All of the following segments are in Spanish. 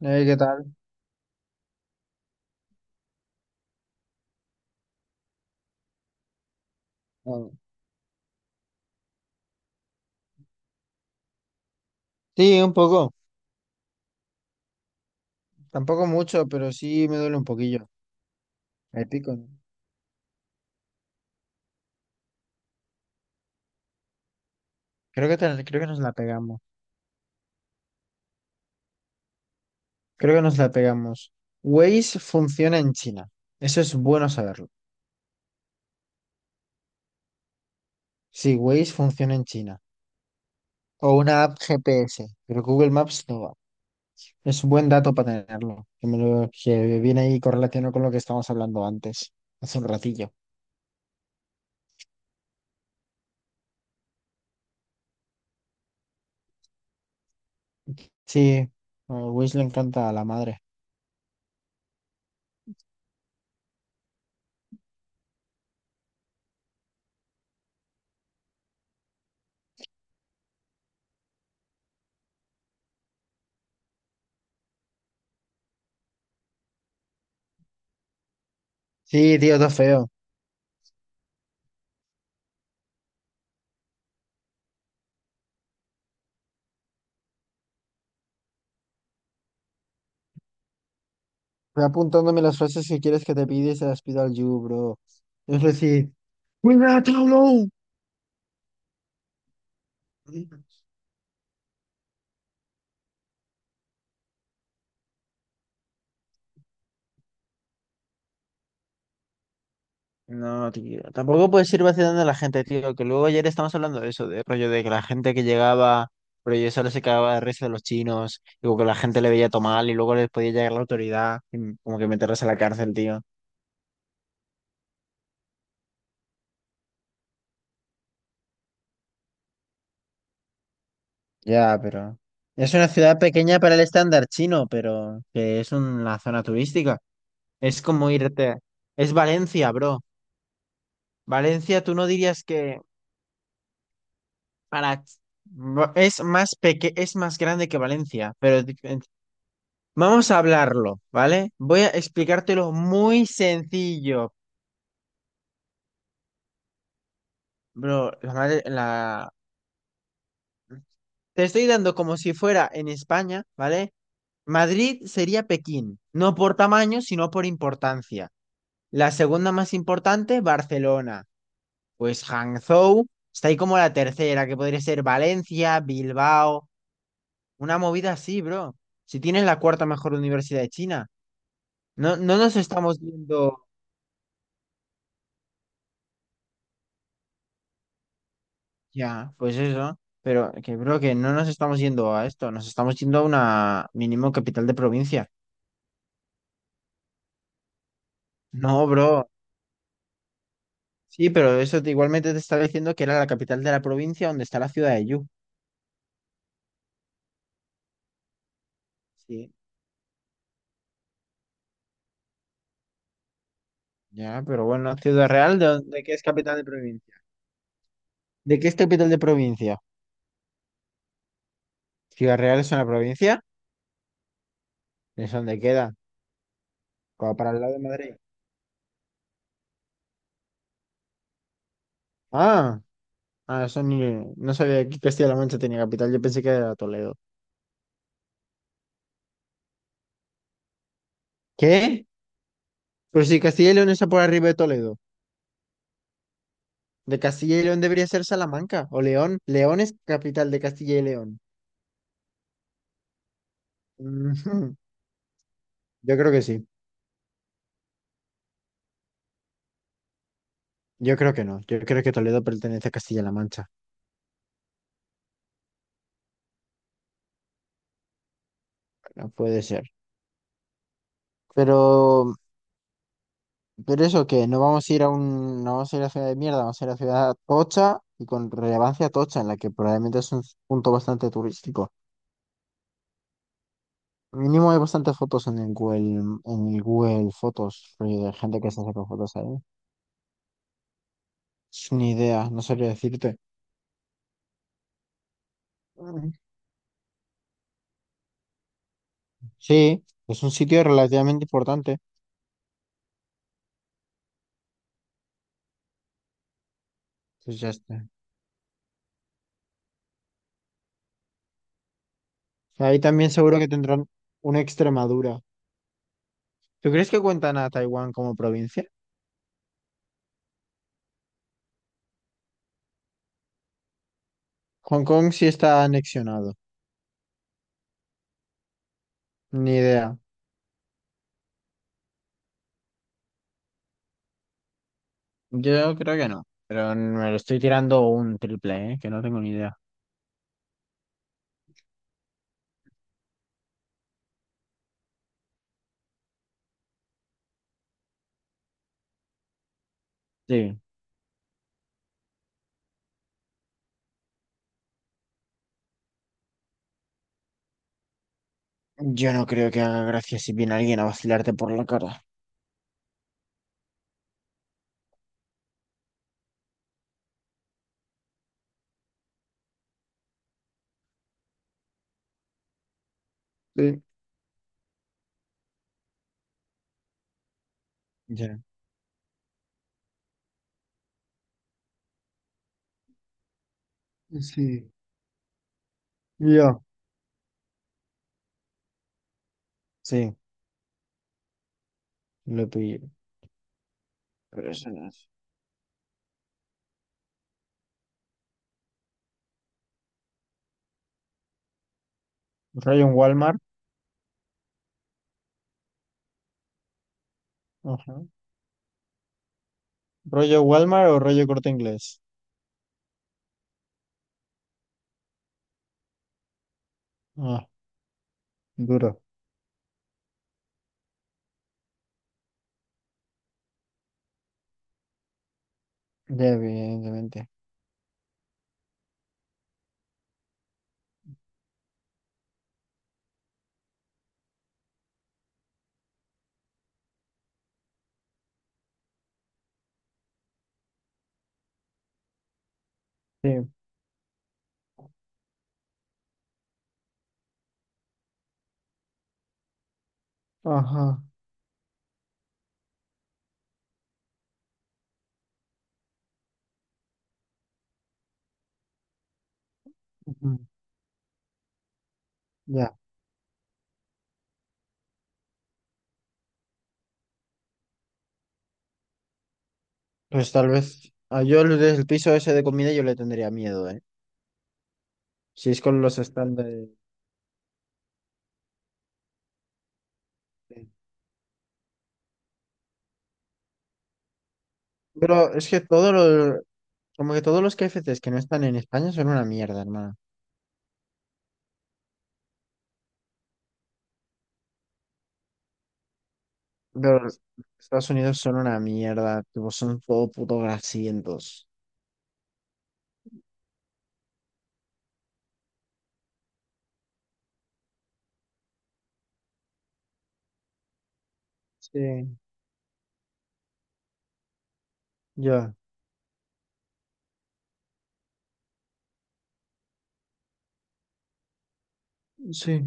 ¿Qué tal? Ah, sí, un poco. Tampoco mucho, pero sí me duele un poquillo. El pico, ¿no? Creo que, creo que nos la pegamos. Creo que nos la pegamos. Waze funciona en China. Eso es bueno saberlo. Sí, Waze funciona en China. O una app GPS. Pero Google Maps no va. Es un buen dato para tenerlo. Que, que viene ahí correlacionado con lo que estábamos hablando antes. Hace un ratillo. Sí, a Waze le encanta a la madre. Sí, tío, todo feo. Voy apuntándome las frases que quieres que te pida y se las pido al You, bro. Es decir, ¡cuidado, Tauro! No, tío. Tampoco puedes ir vacilando a la gente, tío. Que luego ayer estamos hablando de eso, de rollo de que la gente que llegaba, pero yo solo se cagaba de risa de los chinos, y como que la gente le veía tomar y luego les podía llegar la autoridad y como que meterlos a la cárcel, tío. Ya, pero. Es una ciudad pequeña para el estándar chino, pero que es una zona turística. Es como irte. Es Valencia, bro. Valencia, tú no dirías que para es más peque es más grande que Valencia, pero vamos a hablarlo, ¿vale? Voy a explicártelo muy sencillo, bro. Te estoy dando como si fuera en España, ¿vale? Madrid sería Pekín, no por tamaño, sino por importancia. La segunda más importante, Barcelona. Pues Hangzhou está ahí como la tercera, que podría ser Valencia, Bilbao. Una movida así, bro. Si tienes la cuarta mejor universidad de China, no nos estamos yendo. Ya, pues eso. Pero que, bro, que no nos estamos yendo a esto, nos estamos yendo a una mínimo capital de provincia. No, bro. Sí, pero igualmente te estaba diciendo que era la capital de la provincia donde está la ciudad de Yu. Sí, ya, pero bueno, Ciudad Real, ¿de qué es capital de provincia? ¿De qué es capital de provincia? ¿Ciudad Real es una provincia? ¿Es donde queda? Como para el lado de Madrid. Ah. Ah, eso ni... No sabía que Castilla-La Mancha tenía capital, yo pensé que era Toledo. ¿Qué? Pero si Castilla y León está por arriba de Toledo. De Castilla y León debería ser Salamanca o León. León es capital de Castilla y León. Ujú. Yo creo que sí. Yo creo que no. Yo creo que Toledo pertenece a Castilla-La Mancha. No puede ser. Pero, pero eso que no vamos a ir a un, no vamos a ir a ciudad de mierda, vamos a ir a ciudad tocha y con relevancia tocha, en la que probablemente es un punto bastante turístico. Mínimo hay bastantes fotos en el Google Fotos, rollo de gente que se saca fotos ahí. Es una idea, no sabría decirte. Mm. Sí, es un sitio relativamente importante. Pues ya está. Ahí también seguro que tendrán una Extremadura. ¿Tú crees que cuentan a Taiwán como provincia? Hong Kong sí está anexionado. Ni idea. Yo creo que no, pero me lo estoy tirando un triple, ¿eh? Que no tengo ni idea. Sí, yo no creo que haga gracia si viene alguien a vacilarte por la cara. Sí. Ya. Sí. Yo, sí, lo pillé. Pero eso no es. Rollo en Walmart. Ajá. ¿Rollo Walmart o rollo Corte Inglés? Ah, duro. Ya, evidentemente. Sí. Ajá. Ujú. Ya. Pues tal vez. Yo el piso ese de comida yo le tendría miedo, ¿eh? Si es con los estándares. de- Pero es que todos los, como que todos los K F KFCs que no están en España son una mierda, hermano. Pero los Estados Unidos son una mierda. Tipo, son todo puto grasientos. Sí. Ya. Sí,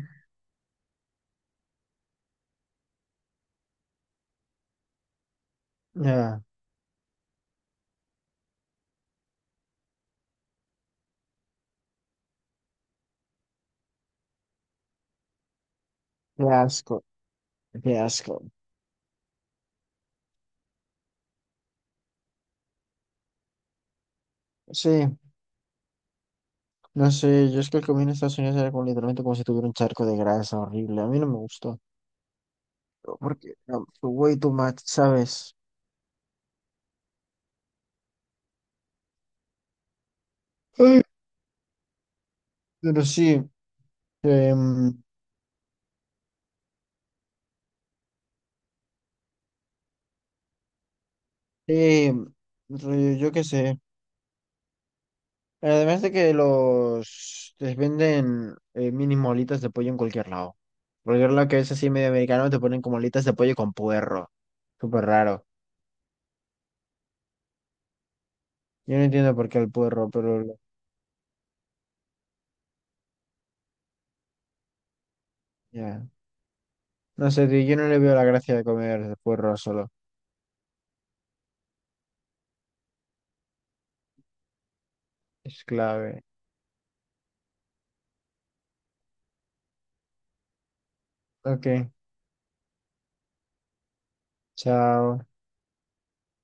ya. Qué asco, qué asco. Sí, no sé, yo es que el comida en Estados Unidos era como literalmente como si tuviera un charco de grasa horrible. A mí no me gustó, porque way too much, ¿sabes? Ay, pero sí, em, eh, rollo, yo qué sé. Además de que los les venden mini molitas de pollo en cualquier lado. Cualquier lado que es así medio americano te ponen como alitas de pollo con puerro. Súper raro. Yo no entiendo por qué el puerro, pero ya. No sé, tío, yo no le veo la gracia de comer puerro solo. Es clave. Ok, chao.